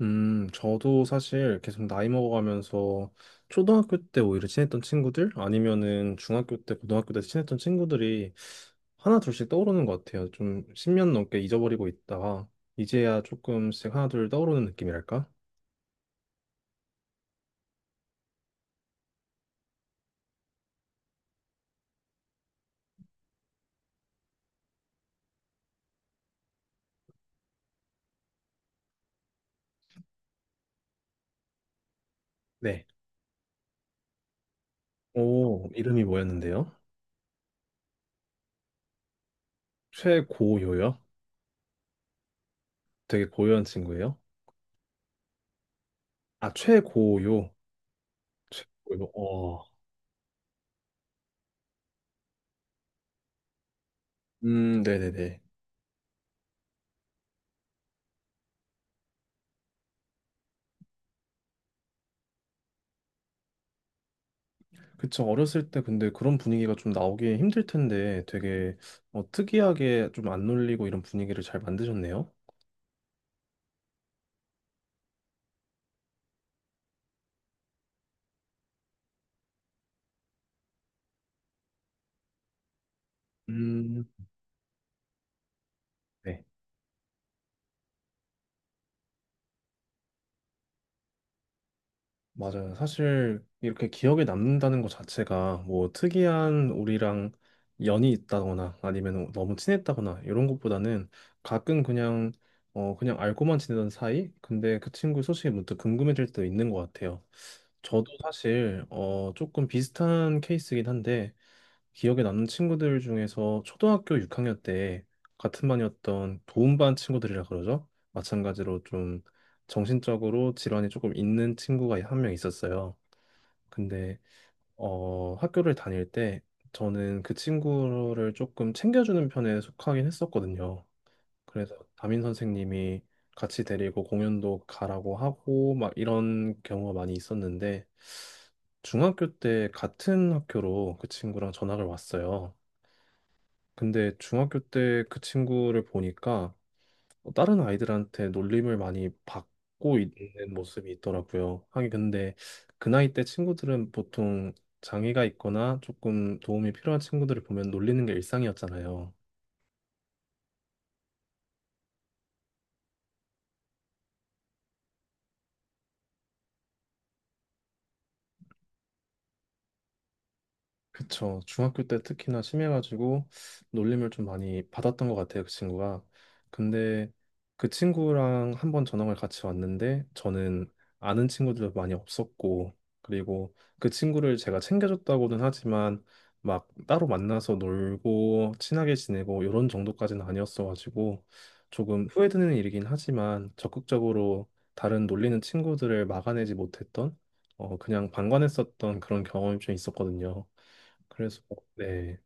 저도 사실 계속 나이 먹어가면서 초등학교 때 오히려 친했던 친구들 아니면은 중학교 때, 고등학교 때 친했던 친구들이 하나 둘씩 떠오르는 것 같아요. 좀 10년 넘게 잊어버리고 있다가 이제야 조금씩 하나 둘 떠오르는 느낌이랄까? 네. 오, 이름이 뭐였는데요? 최고요요? 되게 고요한 친구예요? 아, 최고요. 최고요. 어. 네네네. 그쵸. 어렸을 때 근데 그런 분위기가 좀 나오기 힘들 텐데 되게 특이하게 좀 안 놀리고 이런 분위기를 잘 만드셨네요. 음, 네, 맞아요. 사실 이렇게 기억에 남는다는 것 자체가 뭐 특이한 우리랑 연이 있다거나 아니면 너무 친했다거나 이런 것보다는 가끔 그냥 그냥 알고만 지내던 사이? 근데 그 친구 소식이 문득 궁금해질 때도 있는 것 같아요. 저도 사실 조금 비슷한 케이스긴 한데 기억에 남는 친구들 중에서 초등학교 6학년 때 같은 반이었던 도움반 친구들이라 그러죠. 마찬가지로 좀 정신적으로 질환이 조금 있는 친구가 한 명 있었어요. 근데 학교를 다닐 때 저는 그 친구를 조금 챙겨주는 편에 속하긴 했었거든요. 그래서 담임 선생님이 같이 데리고 공연도 가라고 하고 막 이런 경우가 많이 있었는데 중학교 때 같은 학교로 그 친구랑 전학을 왔어요. 근데 중학교 때 그 친구를 보니까 다른 아이들한테 놀림을 많이 받고 있는 모습이 있더라고요. 하긴 근데 그 나이 때 친구들은 보통 장애가 있거나 조금 도움이 필요한 친구들을 보면 놀리는 게 일상이었잖아요. 그쵸. 중학교 때 특히나 심해가지고 놀림을 좀 많이 받았던 것 같아요, 그 친구가. 근데 그 친구랑 한번 전학을 같이 왔는데 저는 아는 친구들도 많이 없었고 그리고 그 친구를 제가 챙겨줬다고는 하지만 막 따로 만나서 놀고 친하게 지내고 이런 정도까지는 아니었어가지고 조금 후회되는 일이긴 하지만 적극적으로 다른 놀리는 친구들을 막아내지 못했던 그냥 방관했었던 그런 경험이 좀 있었거든요. 그래서 네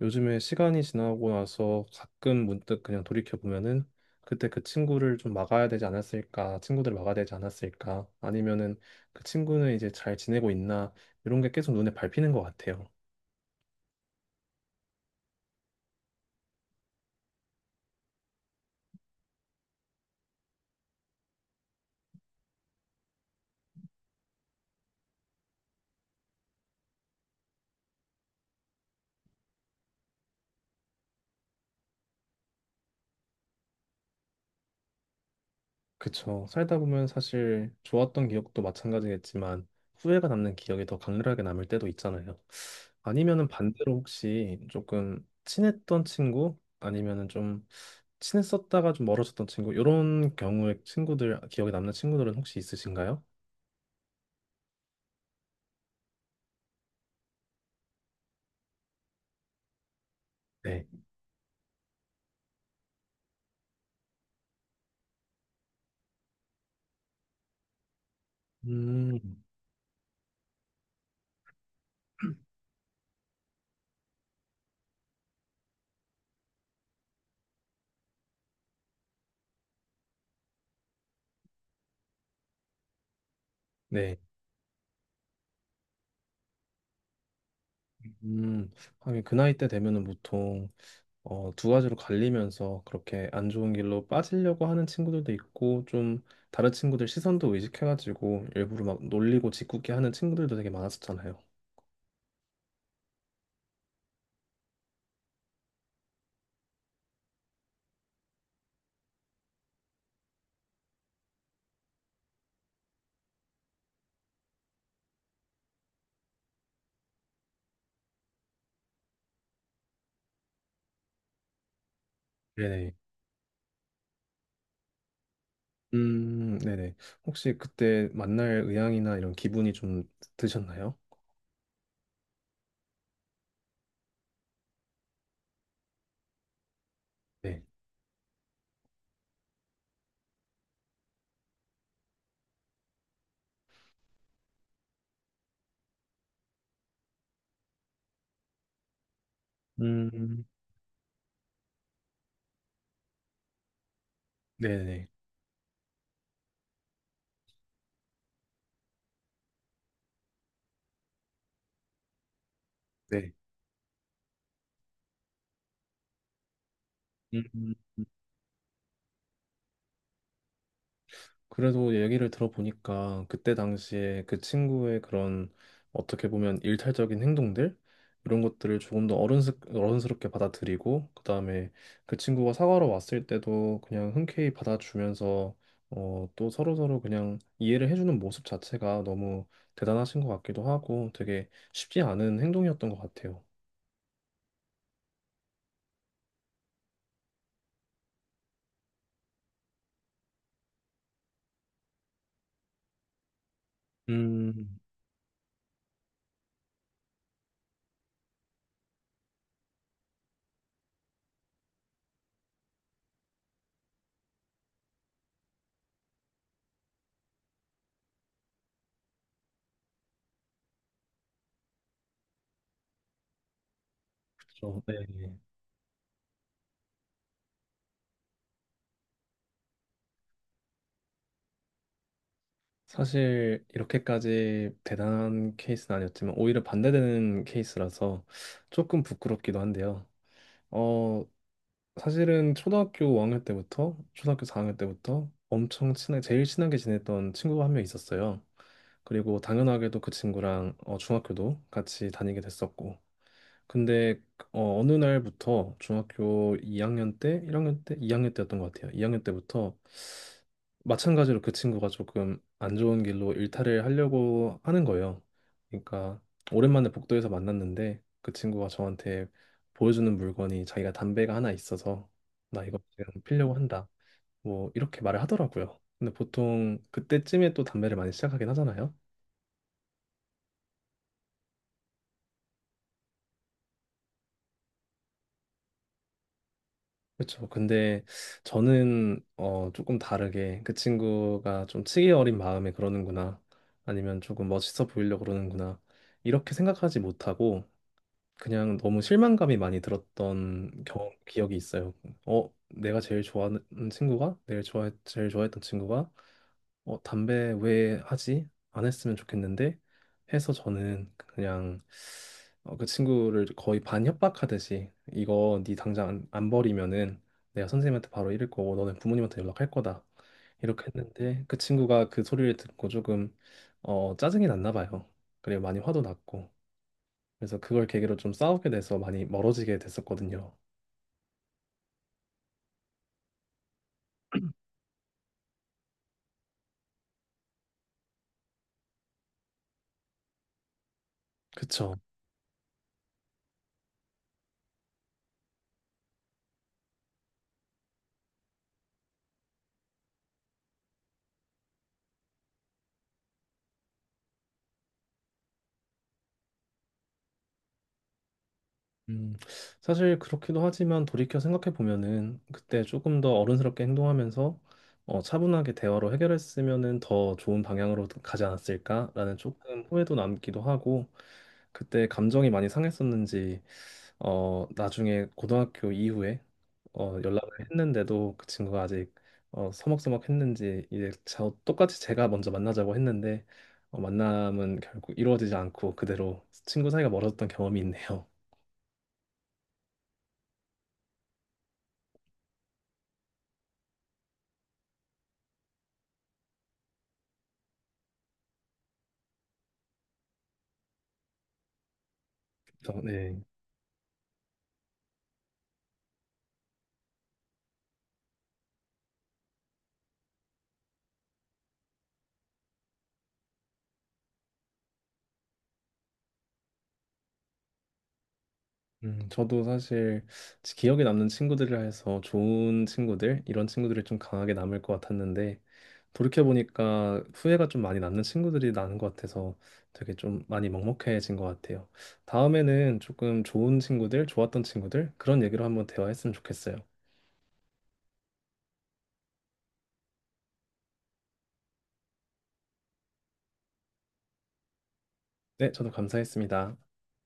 요즘에 시간이 지나고 나서 가끔 문득 그냥 돌이켜 보면은 그때 그 친구를 좀 막아야 되지 않았을까 친구들을 막아야 되지 않았을까 아니면은 그 친구는 이제 잘 지내고 있나 이런 게 계속 눈에 밟히는 것 같아요. 그쵸. 살다 보면 사실 좋았던 기억도 마찬가지겠지만 후회가 남는 기억이 더 강렬하게 남을 때도 있잖아요. 아니면은 반대로 혹시 조금 친했던 친구 아니면은 좀 친했었다가 좀 멀어졌던 친구 이런 경우의 친구들 기억에 남는 친구들은 혹시 있으신가요? 네. 음. 네. 음. 하긴 그 나이 때 되면은 보통 두 가지로 갈리면서 그렇게 안 좋은 길로 빠지려고 하는 친구들도 있고 좀 다른 친구들 시선도 의식해가지고 일부러 막 놀리고 짓궂게 하는 친구들도 되게 많았었잖아요. 네네. 네네. 혹시 그때 만날 의향이나 이런 기분이 좀 드셨나요? 네. 음, 네네. 네. 음. 그래도 얘기를 들어보니까 그때 당시에 그 친구의 그런 어떻게 보면 일탈적인 행동들 이런 것들을 조금 더 어른스럽게 받아들이고 그다음에 그 친구가 사과로 왔을 때도 그냥 흔쾌히 받아주면서 또 서로서로 그냥 이해를 해주는 모습 자체가 너무 대단하신 것 같기도 하고 되게 쉽지 않은 행동이었던 것 같아요. 음, 그렇죠. 네. 사실 이렇게까지 대단한 케이스는 아니었지만 오히려 반대되는 케이스라서 조금 부끄럽기도 한데요. 어, 사실은 초등학교 4학년 때부터 엄청 친하게 제일 친하게 지냈던 친구가 한 명 있었어요. 그리고 당연하게도 그 친구랑 중학교도 같이 다니게 됐었고 근데 어느 날부터 중학교 2학년 때, 1학년 때, 2학년 때였던 것 같아요. 2학년 때부터 마찬가지로 그 친구가 조금 안 좋은 길로 일탈을 하려고 하는 거예요. 그러니까 오랜만에 복도에서 만났는데 그 친구가 저한테 보여주는 물건이 자기가 담배가 하나 있어서 나 이거 지금 피려고 한다. 뭐 이렇게 말을 하더라고요. 근데 보통 그때쯤에 또 담배를 많이 시작하긴 하잖아요. 그렇죠. 근데 저는 조금 다르게 그 친구가 좀 치기 어린 마음에 그러는구나. 아니면 조금 멋있어 보이려고 그러는구나. 이렇게 생각하지 못하고 그냥 너무 실망감이 많이 들었던 경험 기억이 있어요. 내가 제일 좋아하는 친구가, 내일 좋아 제일 좋아했던 친구가 담배 왜 하지? 안 했으면 좋겠는데 해서 저는 그냥 그 친구를 거의 반 협박하듯이 이거 네 당장 안 버리면은 내가 선생님한테 바로 이를 거고 너는 부모님한테 연락할 거다 이렇게 했는데 그 친구가 그 소리를 듣고 조금 짜증이 났나 봐요. 그리고 많이 화도 났고 그래서 그걸 계기로 좀 싸우게 돼서 많이 멀어지게 됐었거든요. 그쵸? 음, 사실 그렇기도 하지만 돌이켜 생각해 보면은 그때 조금 더 어른스럽게 행동하면서 차분하게 대화로 해결했으면은 더 좋은 방향으로 가지 않았을까라는 조금 후회도 남기도 하고 그때 감정이 많이 상했었는지 나중에 고등학교 이후에 연락을 했는데도 그 친구가 아직 서먹서먹했는지 이제 저 똑같이 제가 먼저 만나자고 했는데 만남은 결국 이루어지지 않고 그대로 친구 사이가 멀어졌던 경험이 있네요. 그래서, 네. 저도 사실 기억에 남는 친구들이라 해서 좋은 친구들, 이런 친구들이 좀 강하게 남을 것 같았는데, 돌이켜보니까 후회가 좀 많이 남는 친구들이 나는 것 같아서 되게 좀 많이 먹먹해진 것 같아요. 다음에는 조금 좋은 친구들, 좋았던 친구들, 그런 얘기로 한번 대화했으면 좋겠어요. 네, 저도 감사했습니다.